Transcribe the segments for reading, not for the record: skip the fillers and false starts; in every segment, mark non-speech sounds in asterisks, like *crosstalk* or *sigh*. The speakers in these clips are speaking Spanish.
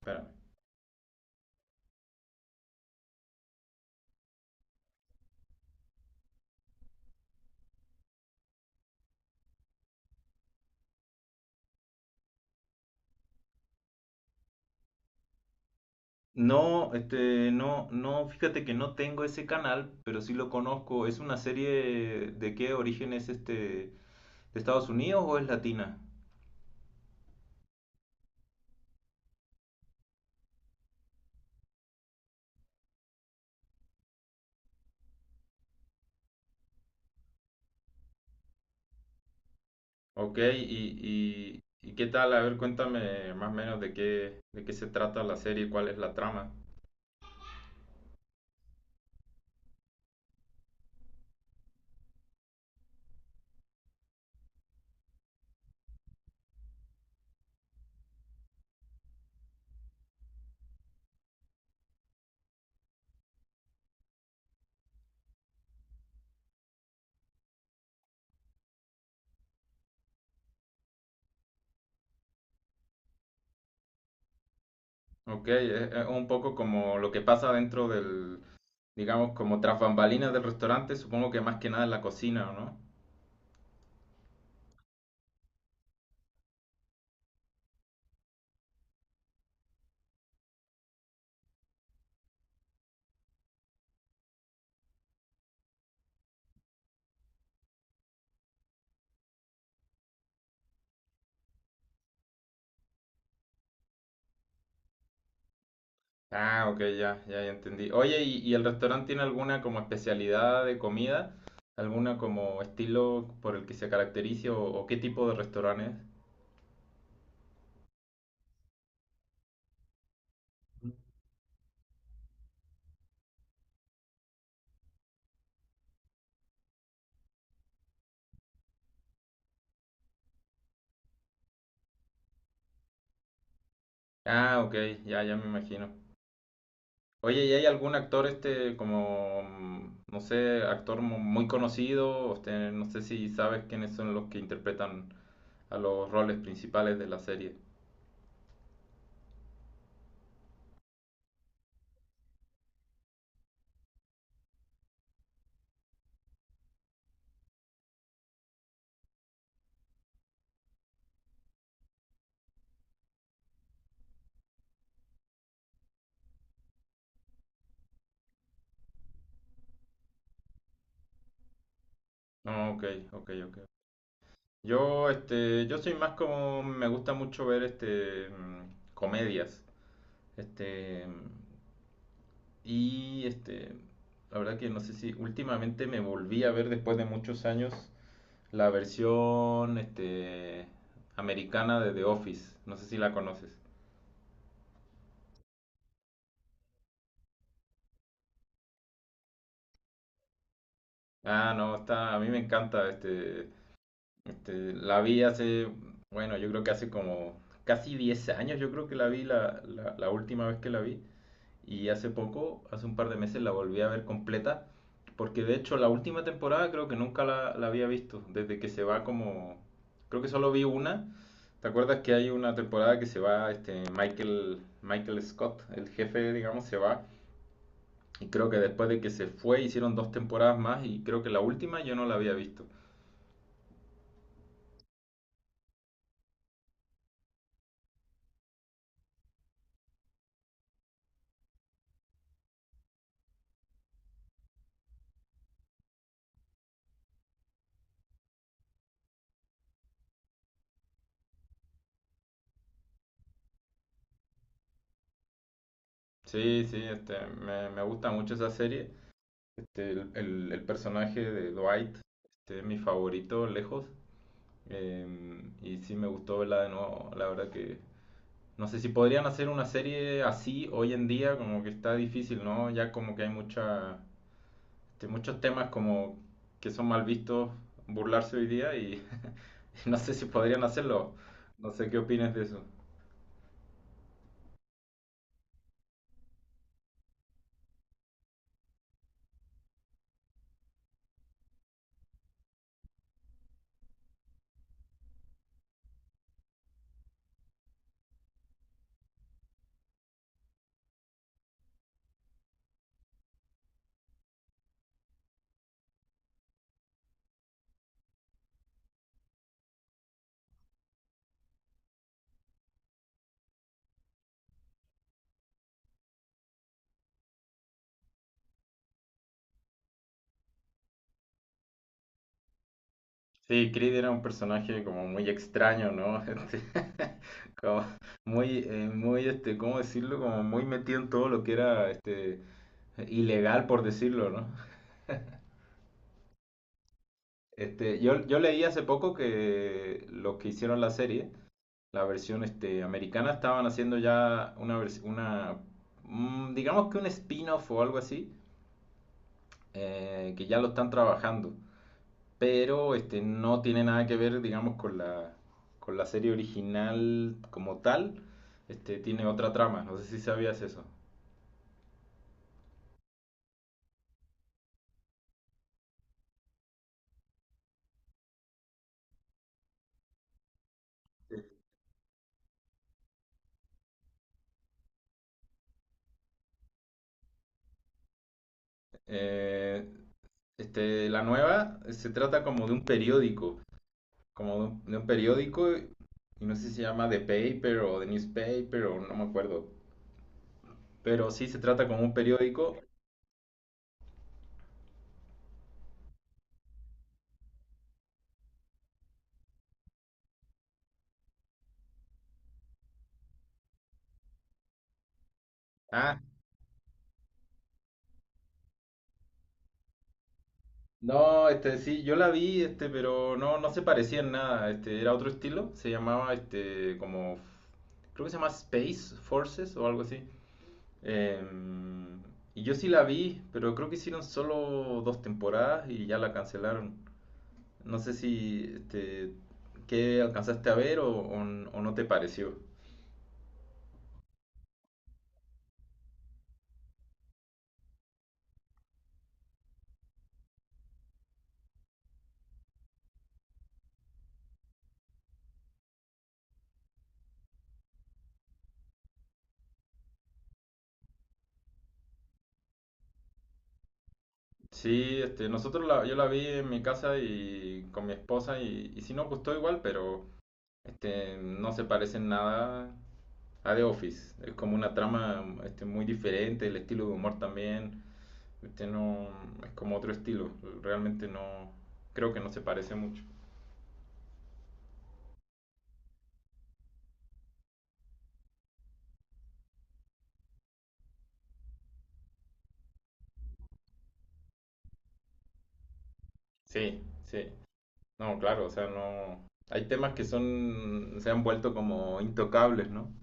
Espérame. No, no, no, fíjate que no tengo ese canal, pero sí lo conozco. ¿Es una serie de qué origen es de Estados Unidos o es latina? Ok, ¿y qué tal? A ver, cuéntame más o menos de qué se trata la serie, cuál es la trama. Ok, es un poco como lo que pasa dentro del, digamos, como tras bambalinas del restaurante, supongo que más que nada en la cocina, ¿o no? Ah, ok, ya, ya, ya entendí. Oye, ¿y el restaurante tiene alguna como especialidad de comida? ¿Alguna como estilo por el que se caracterice o qué tipo de restaurante es? Ah, ok, ya, ya me imagino. Oye, ¿y hay algún actor como, no sé, actor muy conocido? No sé si sabes quiénes son los que interpretan a los roles principales de la serie. No, ok, ok, ok. Yo soy más como, me gusta mucho ver comedias. Este, y este, la verdad que no sé si últimamente me volví a ver después de muchos años la versión americana de The Office. No sé si la conoces. Ah, no, está, a mí me encanta. La vi hace, bueno, yo creo que hace como casi 10 años, yo creo que la vi la última vez que la vi. Y hace poco, hace un par de meses, la volví a ver completa. Porque de hecho la última temporada creo que nunca la había visto. Desde que se va como... Creo que solo vi una. ¿Te acuerdas que hay una temporada que se va Michael Scott, el jefe, digamos, se va? Y creo que después de que se fue hicieron dos temporadas más y creo que la última yo no la había visto. Sí, sí, me gusta mucho esa serie. El personaje de Dwight es mi favorito lejos. Y sí me gustó verla de nuevo. La verdad que no sé si podrían hacer una serie así hoy en día, como que está difícil, ¿no? Ya como que hay muchos temas como que son mal vistos burlarse hoy día y, *laughs* y no sé si podrían hacerlo. No sé qué opinas de eso. Sí, Creed era un personaje como muy extraño, ¿no? *laughs* Como muy, ¿cómo decirlo? Como muy metido en todo lo que era, ilegal, por decirlo, ¿no? Yo leí hace poco que los que hicieron la serie, la versión americana, estaban haciendo ya una digamos que un spin-off o algo así, que ya lo están trabajando, pero no tiene nada que ver, digamos, con la serie original como tal, tiene otra trama, no sé si sabías eso. Eh, la nueva se trata como de un periódico como de un periódico, y no sé si se llama The Paper o The Newspaper o no me acuerdo, pero sí se trata como un periódico. Ah, no, sí, yo la vi, pero no, no se parecía en nada, era otro estilo, se llamaba como, creo que se llama Space Forces o algo así. Em, y yo sí la vi, pero creo que hicieron solo dos temporadas y ya la cancelaron. No sé si, ¿qué alcanzaste a ver o no te pareció? Sí, yo la vi en mi casa y con mi esposa y sí nos gustó igual, pero no se parece en nada a The Office. Es como una trama muy diferente, el estilo de humor también, no, es como otro estilo. Realmente no, creo que no se parece mucho. Sí, sí. No, claro, o sea, no. Hay temas que son, se han vuelto como intocables, ¿no?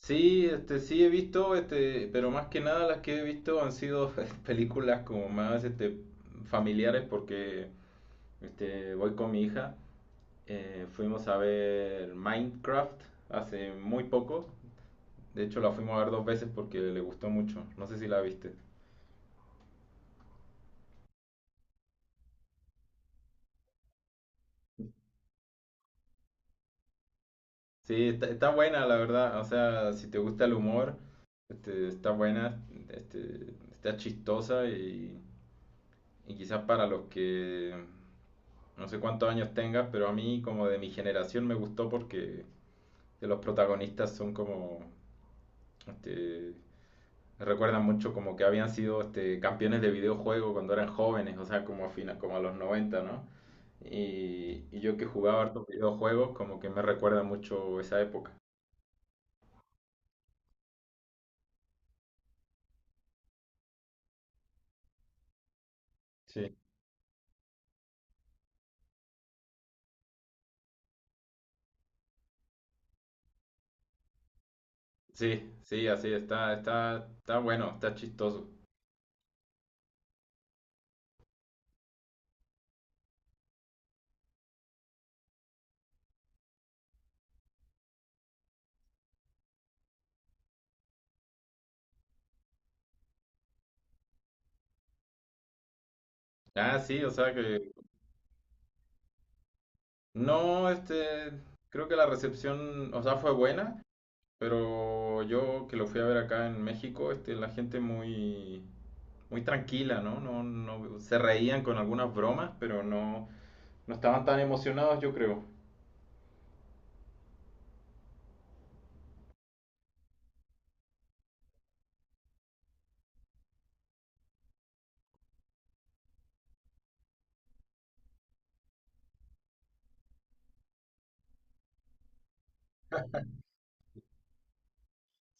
Sí, sí he visto, pero más que nada las que he visto han sido *laughs* películas como más, familiares porque, voy con mi hija. Fuimos a ver Minecraft hace muy poco. De hecho, la fuimos a ver dos veces porque le gustó mucho. No sé si la viste. Sí, está buena, la verdad. O sea, si te gusta el humor, está buena, este, está chistosa y quizás para los que. No sé cuántos años tengas, pero a mí como de mi generación me gustó porque de los protagonistas son como... Este, me recuerdan mucho como que habían sido campeones de videojuego cuando eran jóvenes, o sea, como a los 90, ¿no? Y yo que jugaba hartos videojuegos, como que me recuerda mucho esa época. Sí, sí, sí, así está bueno, está chistoso. Ah, sí, o sea que no, creo que la recepción, o sea, fue buena. Pero yo que lo fui a ver acá en México, la gente muy, muy tranquila, ¿no? No, no, se reían con algunas bromas, pero no, no estaban tan emocionados, yo creo.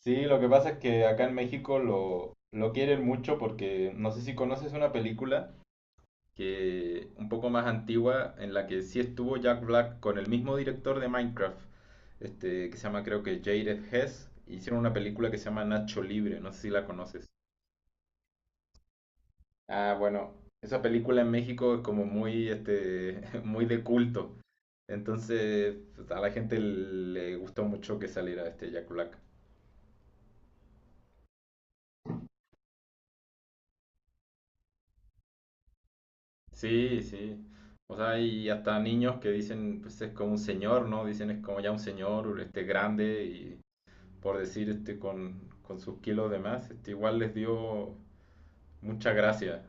Sí, lo que pasa es que acá en México lo quieren mucho porque no sé si conoces una película que un poco más antigua, en la que sí estuvo Jack Black con el mismo director de Minecraft, que se llama creo que Jared Hess, hicieron una película que se llama Nacho Libre, no sé si la conoces. Ah, bueno, esa película en México es como muy, *laughs* muy de culto. Entonces, pues, a la gente le gustó mucho que saliera Jack Black. Sí, sí. O sea, y hasta niños que dicen, pues es como un señor, ¿no? Dicen es como ya un señor, grande y por decir, con sus kilos de más, igual les dio mucha gracia.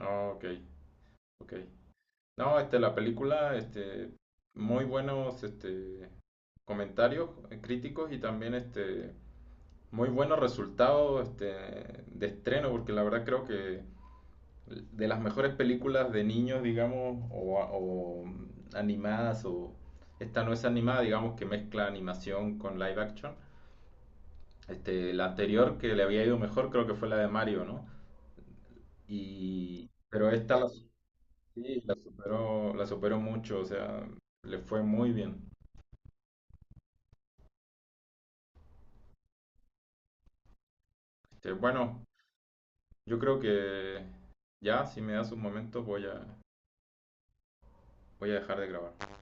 Ah, ok, ok. No, la película, muy buenos, comentarios críticos y también, muy buenos resultados, de estreno, porque la verdad creo que de las mejores películas de niños, digamos, o, animadas, o esta no es animada, digamos, que mezcla animación con live action. La anterior que le había ido mejor creo que fue la de Mario, ¿no? Y, pero esta, sí, la superó, la superó mucho, o sea, le fue muy bien. Bueno, yo creo que ya, si me das un momento, voy a dejar de grabar.